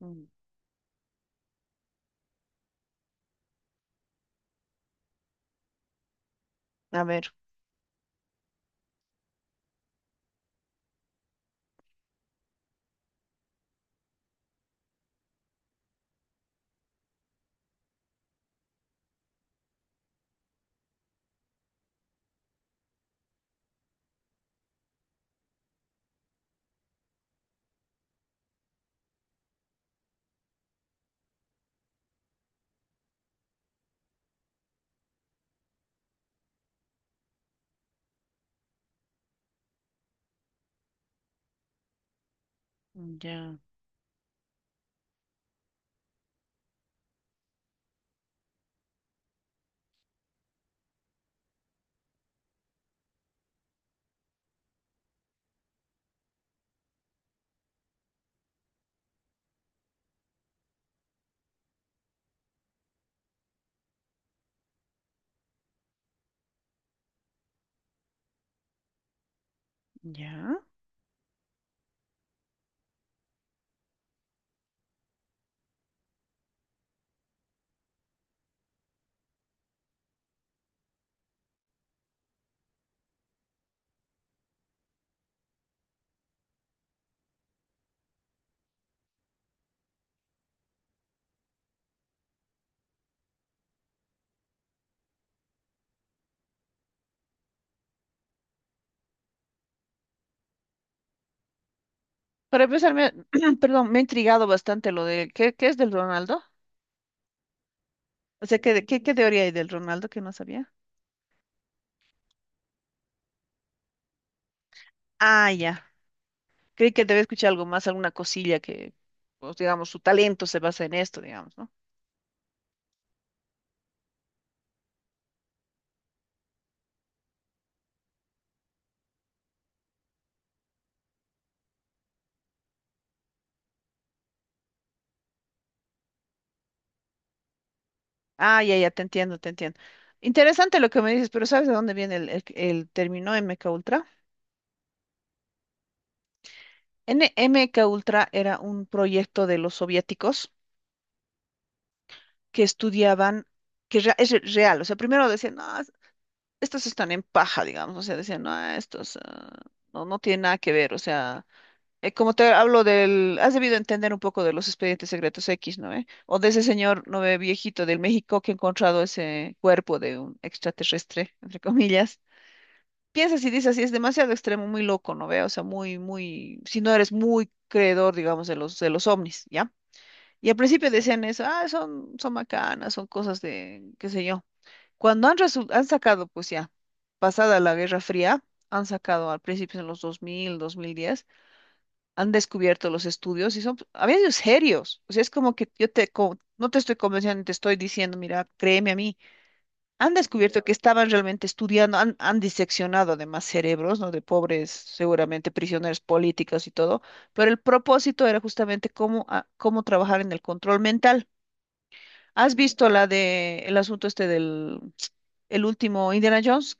Mm. A ver. Ya, ya. Para empezar, me, perdón, me ha intrigado bastante lo de, ¿qué, qué es del Ronaldo? O sea, ¿qué, qué, qué teoría hay del Ronaldo que no sabía? Ah, ya. Creí que debe escuchar algo más, alguna cosilla que, pues, digamos, su talento se basa en esto, digamos, ¿no? Ah, ya, ya, te entiendo, te entiendo. Interesante lo que me dices, pero ¿sabes de dónde viene el término MK Ultra? N MK Ultra era un proyecto de los soviéticos que estudiaban, que real. O sea, primero decían, no, estos están en paja, digamos. O sea, decían, no, ah, estos, ah, no, no tienen nada que ver. O sea, como te hablo del, has debido entender un poco de los expedientes secretos X, ¿no? ¿Eh? O de ese señor, no ve, viejito del México que ha encontrado ese cuerpo de un extraterrestre, entre comillas. Piensas y dices, sí es demasiado extremo, muy loco, ¿no ve? O sea, muy, muy, si no eres muy creedor, digamos, de los ovnis, ¿ya? Y al principio decían eso, ah, son, son macanas, son cosas de, qué sé yo. Cuando han, han sacado, pues ya, pasada la Guerra Fría, han sacado al principio en los 2000, 2010, han descubierto los estudios y son, pues, a veces serios. O sea, es como que yo te, no te estoy convenciendo, te estoy diciendo, mira, créeme a mí. Han descubierto que estaban realmente estudiando, han diseccionado además cerebros, ¿no? De pobres, seguramente prisioneros políticos y todo, pero el propósito era justamente cómo, cómo trabajar en el control mental. ¿Has visto la de el asunto este del el último Indiana Jones?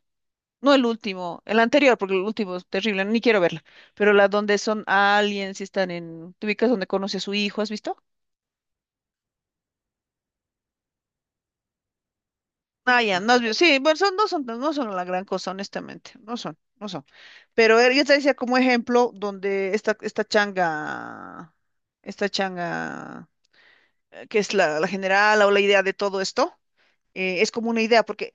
No el último, el anterior, porque el último es terrible, ni quiero verla. Pero la donde son aliens y están en, ¿te ubicas donde conoce a su hijo? ¿Has visto? Ah, ya, no has visto. Sí, bueno, son, no son, no son la gran cosa, honestamente. No son, no son. Pero yo te decía como ejemplo donde esta, esta changa, que es la, la general o la idea de todo esto, es como una idea, porque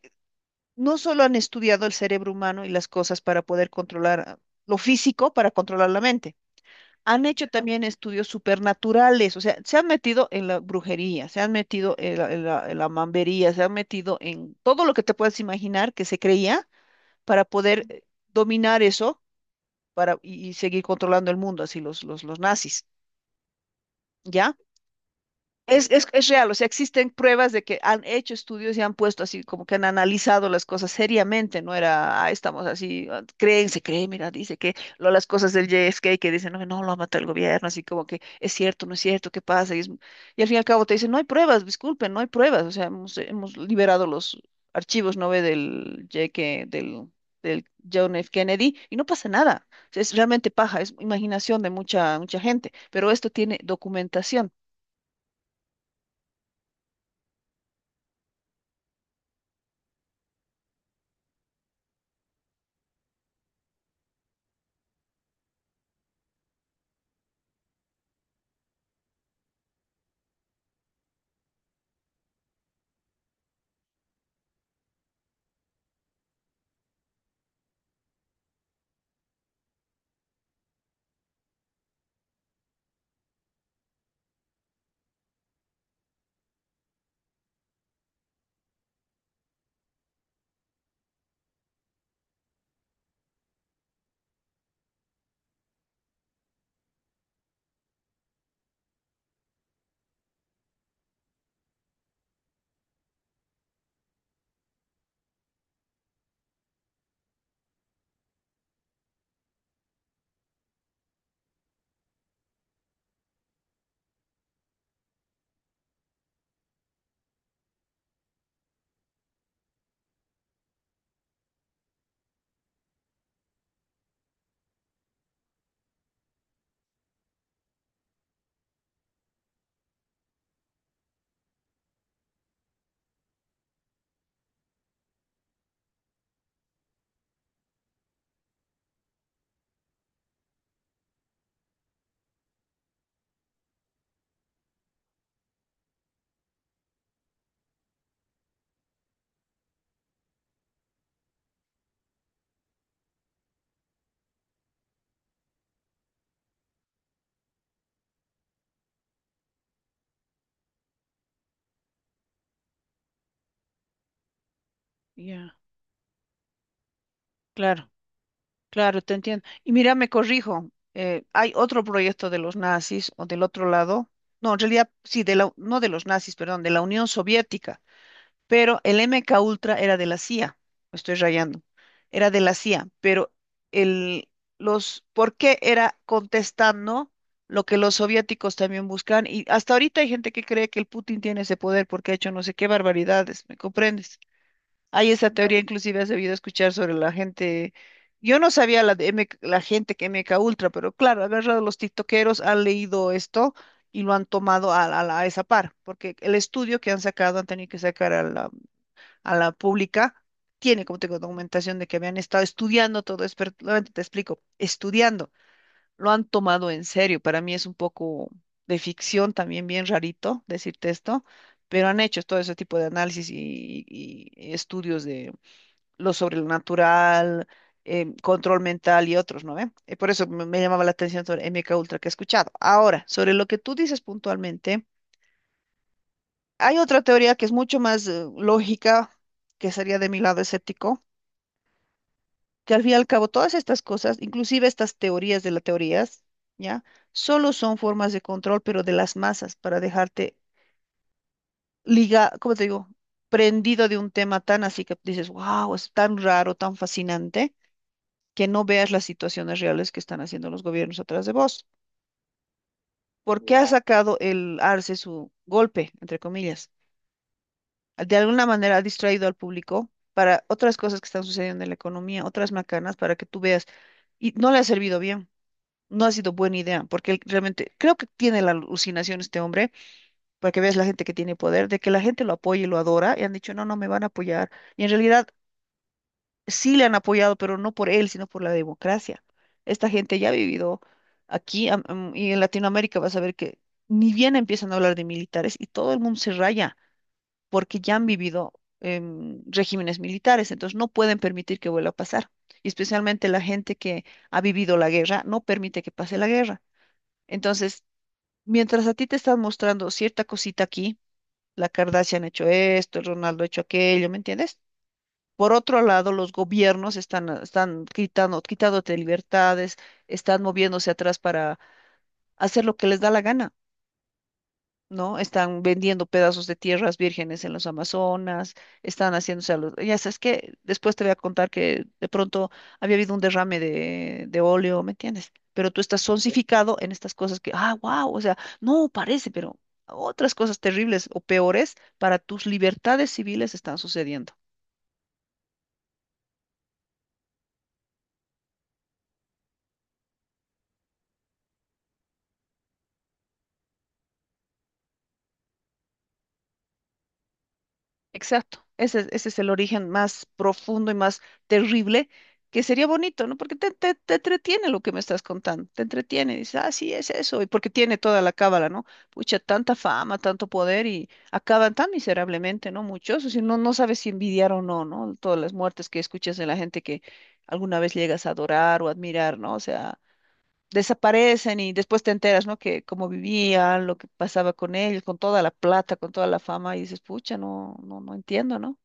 no solo han estudiado el cerebro humano y las cosas para poder controlar, ah, lo físico, para controlar la mente. Han hecho también estudios supernaturales. O sea, se han metido en la brujería, se han metido en la, en la mambería, se han metido en todo lo que te puedas imaginar que se creía para poder, dominar eso para, y seguir controlando el mundo, así los nazis, ¿ya? Es real. O sea, existen pruebas de que han hecho estudios y han puesto así, como que han analizado las cosas seriamente, no era, ah, estamos así, ah, creen, se cree, mira, dice que lo, las cosas del JFK que dicen, no, no, lo ha matado el gobierno, así como que es cierto, no es cierto, ¿qué pasa? Y al fin y al cabo te dicen, no hay pruebas, disculpen, no hay pruebas. O sea, hemos, hemos liberado los archivos, ¿no ve? Del JFK, del John F. Kennedy, y no pasa nada. O sea, es realmente paja, es imaginación de mucha, mucha gente, pero esto tiene documentación. Ya. Claro, claro, te entiendo. Y mira, me corrijo, hay otro proyecto de los nazis o del otro lado, no, en realidad sí, de la, no de los nazis, perdón, de la Unión Soviética, pero el MK Ultra era de la CIA, me estoy rayando, era de la CIA, pero el, ¿por qué era contestando lo que los soviéticos también buscan? Y hasta ahorita hay gente que cree que el Putin tiene ese poder porque ha hecho no sé qué barbaridades, ¿me comprendes? Hay esa teoría, inclusive has debido escuchar sobre la gente. Yo no sabía la, de MK la gente que MK Ultra, pero claro, agarrado los tiktokeros, han leído esto y lo han tomado a, a esa par, porque el estudio que han sacado, han tenido que sacar a la pública, tiene, como tengo documentación de que habían estado estudiando todo, esto. Nuevamente te explico, estudiando, lo han tomado en serio. Para mí es un poco de ficción también, bien rarito decirte esto, pero han hecho todo ese tipo de análisis y estudios de lo sobrenatural, em, control mental y otros, ¿no ve? Y por eso me, me llamaba la atención sobre MK Ultra que he escuchado. Ahora, sobre lo que tú dices puntualmente, hay otra teoría que es mucho más, lógica, que sería de mi lado escéptico, que al fin y al cabo todas estas cosas, inclusive estas teorías de las teorías, ¿ya? Solo son formas de control, pero de las masas, para dejarte liga, ¿cómo te digo? Prendido de un tema tan así que dices, wow, es tan raro, tan fascinante que no veas las situaciones reales que están haciendo los gobiernos atrás de vos. ¿Porque ha sacado el Arce su golpe, entre comillas? De alguna manera ha distraído al público para otras cosas que están sucediendo en la economía, otras macanas, para que tú veas. Y no le ha servido bien. No ha sido buena idea, porque él realmente creo que tiene la alucinación este hombre, para que veas la gente que tiene poder, de que la gente lo apoya y lo adora, y han dicho, no, no me van a apoyar. Y en realidad sí le han apoyado, pero no por él, sino por la democracia. Esta gente ya ha vivido aquí, y en Latinoamérica vas a ver que ni bien empiezan a hablar de militares y todo el mundo se raya porque ya han vivido, regímenes militares, entonces no pueden permitir que vuelva a pasar. Y especialmente la gente que ha vivido la guerra no permite que pase la guerra. Entonces, mientras a ti te están mostrando cierta cosita aquí, la Kardashian ha hecho esto, el Ronaldo ha hecho aquello, ¿me entiendes? Por otro lado, los gobiernos están, ah, están quitando, quitándote libertades, están moviéndose atrás para hacer lo que les da la gana, ¿no? Están vendiendo pedazos de tierras vírgenes en los Amazonas, están haciéndose a los... Ya sabes que después te voy a contar que de pronto había habido un derrame de óleo, ¿me entiendes? Pero tú estás sonsificado en estas cosas que, ah, wow, o sea, no parece, pero otras cosas terribles o peores para tus libertades civiles están sucediendo. Exacto, ese es el origen más profundo y más terrible, que sería bonito, ¿no? Porque te entretiene lo que me estás contando, te entretiene, dices, ah, sí, es eso, y porque tiene toda la cábala, ¿no? Pucha, tanta fama, tanto poder y acaban tan miserablemente, ¿no? Muchos, o sea, no, no sabes si envidiar o no, ¿no? Todas las muertes que escuchas de la gente que alguna vez llegas a adorar o admirar, ¿no? O sea, desaparecen y después te enteras, ¿no? Que cómo vivían, lo que pasaba con ellos, con toda la plata, con toda la fama, y dices, pucha, no, no, no entiendo, ¿no?